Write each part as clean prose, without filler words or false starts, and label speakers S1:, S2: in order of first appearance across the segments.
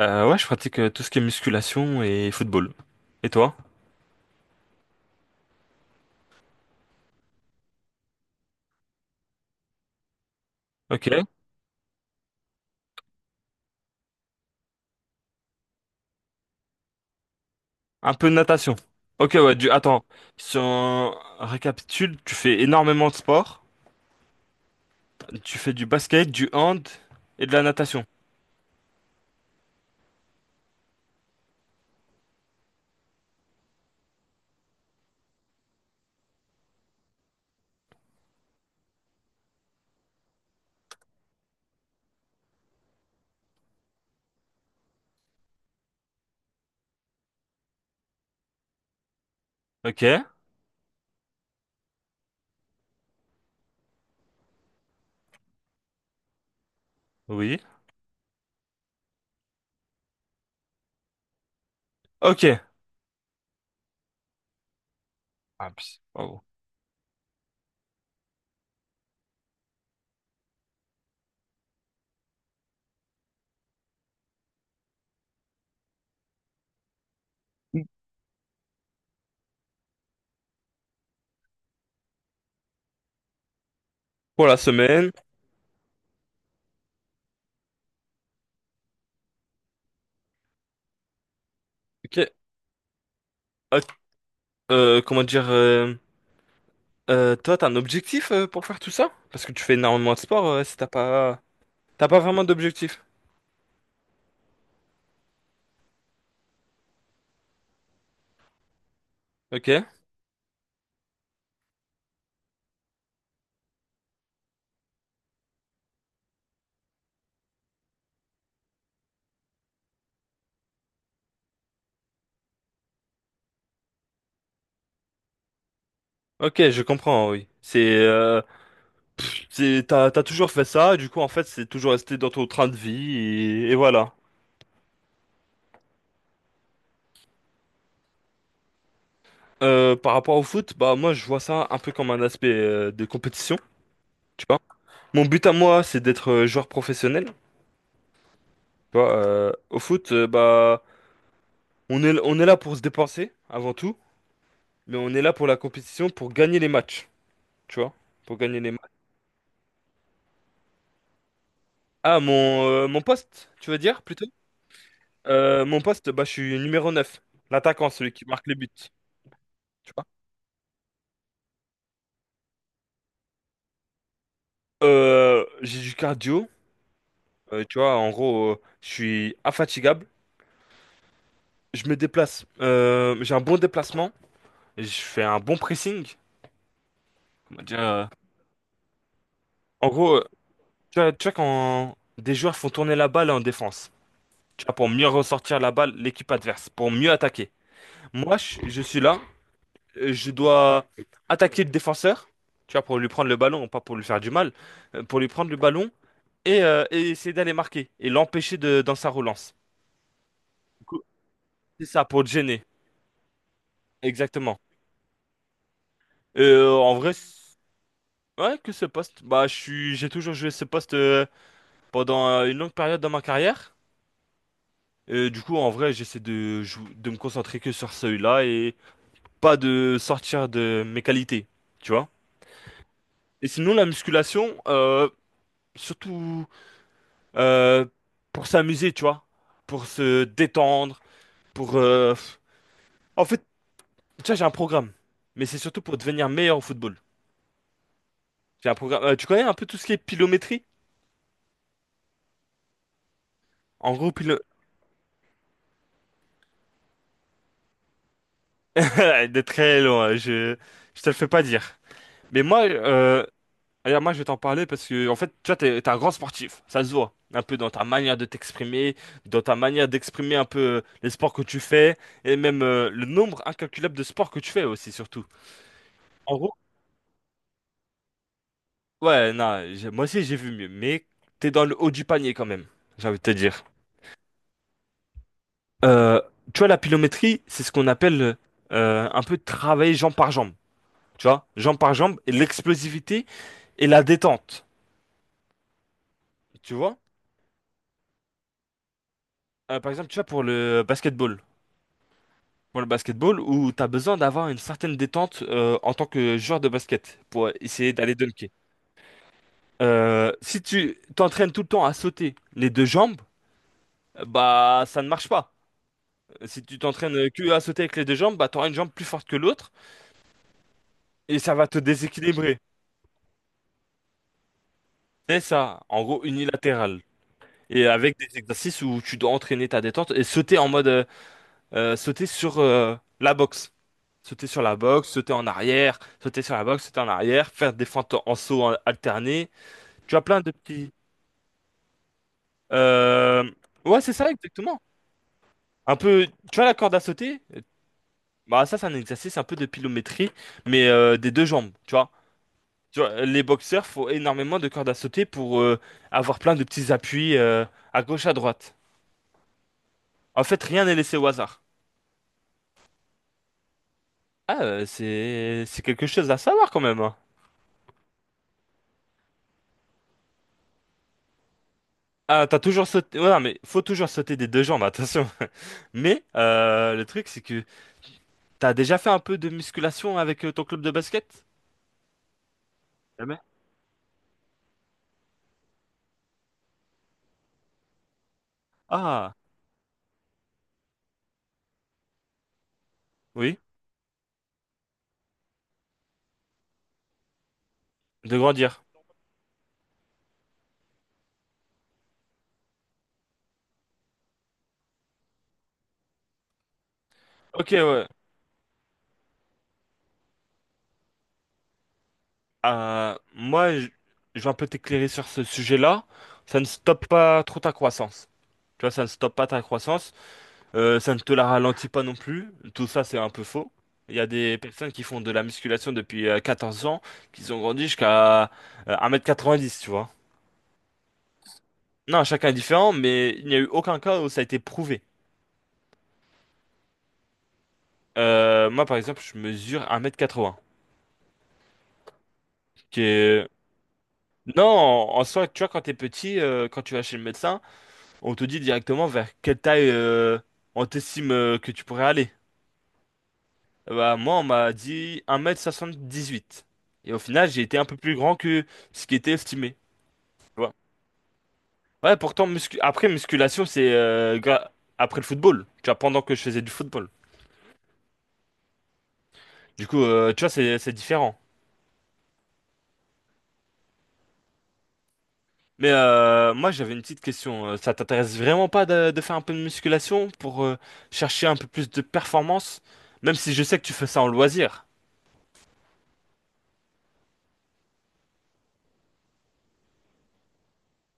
S1: Ouais, je pratique tout ce qui est musculation et football. Et toi? Ok. Un peu de natation. Ok, ouais, attends. Si on récapitule, tu fais énormément de sport. Tu fais du basket, du hand et de la natation. Ok. Oui. Ok. Ah, pardon. Pour la semaine. Ok. Ah, comment dire toi, t'as un objectif pour faire tout ça? Parce que tu fais énormément de sport, si t'as pas... T'as pas vraiment d'objectif. Ok. Ok, je comprends, oui. C'est, t'as toujours fait ça, et du coup, en fait, c'est toujours resté dans ton train de vie, et voilà. Par rapport au foot, bah, moi, je vois ça un peu comme un aspect de compétition, tu vois. Mon but à moi, c'est d'être joueur professionnel, tu vois. Au foot, bah, on est là pour se dépenser, avant tout, mais on est là pour la compétition, pour gagner les matchs, tu vois. Pour gagner les matchs. Ah, mon poste, tu veux dire, plutôt? Mon poste, bah, je suis numéro 9, l'attaquant, celui qui marque les buts, tu vois. J'ai du cardio. Tu vois, en gros, je suis infatigable, je me déplace, j'ai un bon déplacement, je fais un bon pressing. Comment dire, en gros, tu vois quand des joueurs font tourner la balle en défense, tu vois, pour mieux ressortir la balle, l'équipe adverse, pour mieux attaquer. Moi, je suis là, je dois attaquer le défenseur, tu vois, pour lui prendre le ballon, pas pour lui faire du mal, pour lui prendre le ballon et essayer d'aller marquer et l'empêcher de, dans sa relance. Du coup, c'est ça, pour le gêner, exactement. En vrai. Ouais, que ce poste. Bah, j'ai toujours joué ce poste pendant une longue période dans ma carrière. Et du coup, en vrai, j'essaie de me concentrer que sur celui-là et pas de sortir de mes qualités, tu vois. Et sinon, la musculation, surtout euh, pour s'amuser, tu vois, pour se détendre, pour. En fait, tu vois, j'ai un programme, mais c'est surtout pour devenir meilleur au football. J'ai un programme. Tu connais un peu tout ce qui est pilométrie? En gros. De très loin. Je te le fais pas dire. Mais moi, regarde, moi, je vais t'en parler parce que, en fait, toi, t'es un grand sportif. Ça se voit. Un peu dans ta manière de t'exprimer, dans ta manière d'exprimer un peu les sports que tu fais, et même le nombre incalculable de sports que tu fais aussi, surtout. En gros, ouais, non, moi aussi, j'ai vu mieux, mais t'es dans le haut du panier quand même, j'ai envie de te dire. Euh, Tu vois, la pilométrie, c'est ce qu'on appelle un peu travailler jambe par jambe. Tu vois, jambe par jambe, et l'explosivité et la détente. Tu vois? Par exemple, tu vois, pour le basketball. Pour le basketball où tu as besoin d'avoir une certaine détente en tant que joueur de basket pour essayer d'aller dunker. Si tu t'entraînes tout le temps à sauter les deux jambes, bah ça ne marche pas. Si tu t'entraînes que à sauter avec les deux jambes, bah t'auras une jambe plus forte que l'autre et ça va te déséquilibrer. C'est ça, en gros unilatéral. Et avec des exercices où tu dois entraîner ta détente et sauter en mode sauter sur la boxe. Sauter sur la boxe, sauter en arrière, sauter sur la boxe, sauter en arrière, faire des fentes en saut alterné. Tu as plein de petits. euh, Ouais, c'est ça, exactement. Un peu. Tu vois la corde à sauter? Bah, ça, c'est un exercice un peu de pliométrie, mais des deux jambes, tu vois. Tu vois, les boxeurs font énormément de cordes à sauter pour avoir plein de petits appuis à gauche, à droite. En fait, rien n'est laissé au hasard. Ah, c'est quelque chose à savoir quand même, hein. Ah, t'as toujours sauté. Ouais, non, mais faut toujours sauter des deux jambes, attention. Mais le truc, c'est que t'as déjà fait un peu de musculation avec ton club de basket? Jamais. Ah, oui, de grandir. Ok, ouais. Moi, je vais un peu t'éclairer sur ce sujet-là. Ça ne stoppe pas trop ta croissance. Tu vois, ça ne stoppe pas ta croissance. Ça ne te la ralentit pas non plus. Tout ça, c'est un peu faux. Il y a des personnes qui font de la musculation depuis 14 ans, qui ont grandi jusqu'à 1m90, tu vois. Non, chacun est différent, mais il n'y a eu aucun cas où ça a été prouvé. Moi, par exemple, je mesure 1m80, qui est... Non, en soi, tu vois, quand t'es petit, quand tu vas chez le médecin, on te dit directement vers quelle taille on t'estime que tu pourrais aller. Bah, moi, on m'a dit 1m78. Et au final, j'ai été un peu plus grand que ce qui était estimé. Tu vois. Ouais, pourtant, après, musculation, c'est après le football. Tu vois, pendant que je faisais du football. Du coup, tu vois, c'est différent. Mais moi, j'avais une petite question. Ça t'intéresse vraiment pas de faire un peu de musculation pour chercher un peu plus de performance, même si je sais que tu fais ça en loisir.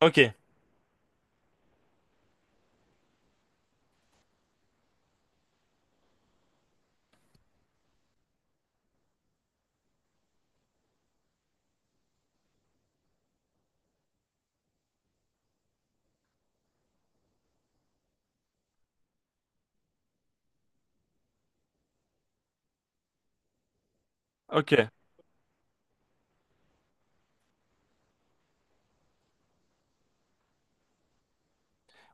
S1: Ok, ok.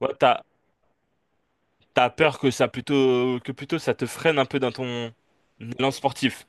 S1: Ouais, t'as peur que ça plutôt ça te freine un peu dans ton élan sportif.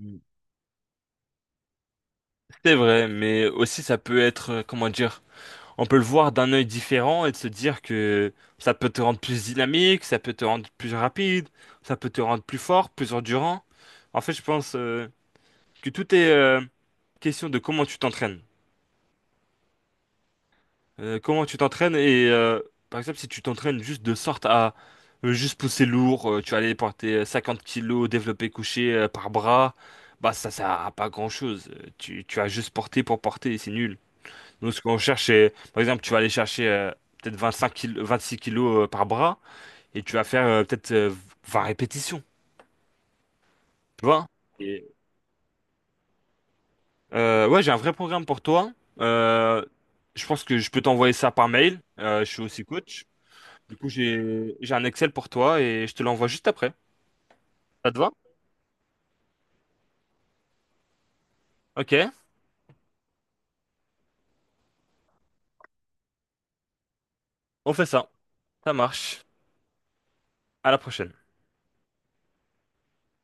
S1: Mm. C'est vrai, mais aussi ça peut être, comment dire, on peut le voir d'un œil différent et de se dire que ça peut te rendre plus dynamique, ça peut te rendre plus rapide, ça peut te rendre plus fort, plus endurant. En fait, je pense que tout est question de comment tu t'entraînes. Comment tu t'entraînes et par exemple si tu t'entraînes juste de sorte à juste pousser lourd, tu vas aller porter 50 kilos développé couché par bras, bah ça sert à pas grand-chose. Tu as juste porté pour porter et c'est nul. Donc ce qu'on cherche, c'est par exemple tu vas aller chercher peut-être 25 kilos, 26 kilos par bras et tu vas faire peut-être 20 répétitions, tu vois? Et, ouais, j'ai un vrai programme pour toi. Euh, je pense que je peux t'envoyer ça par mail. Je suis aussi coach. Du coup, j'ai un Excel pour toi et je te l'envoie juste après. Ça te va? Ok, on fait ça. Ça marche. À la prochaine.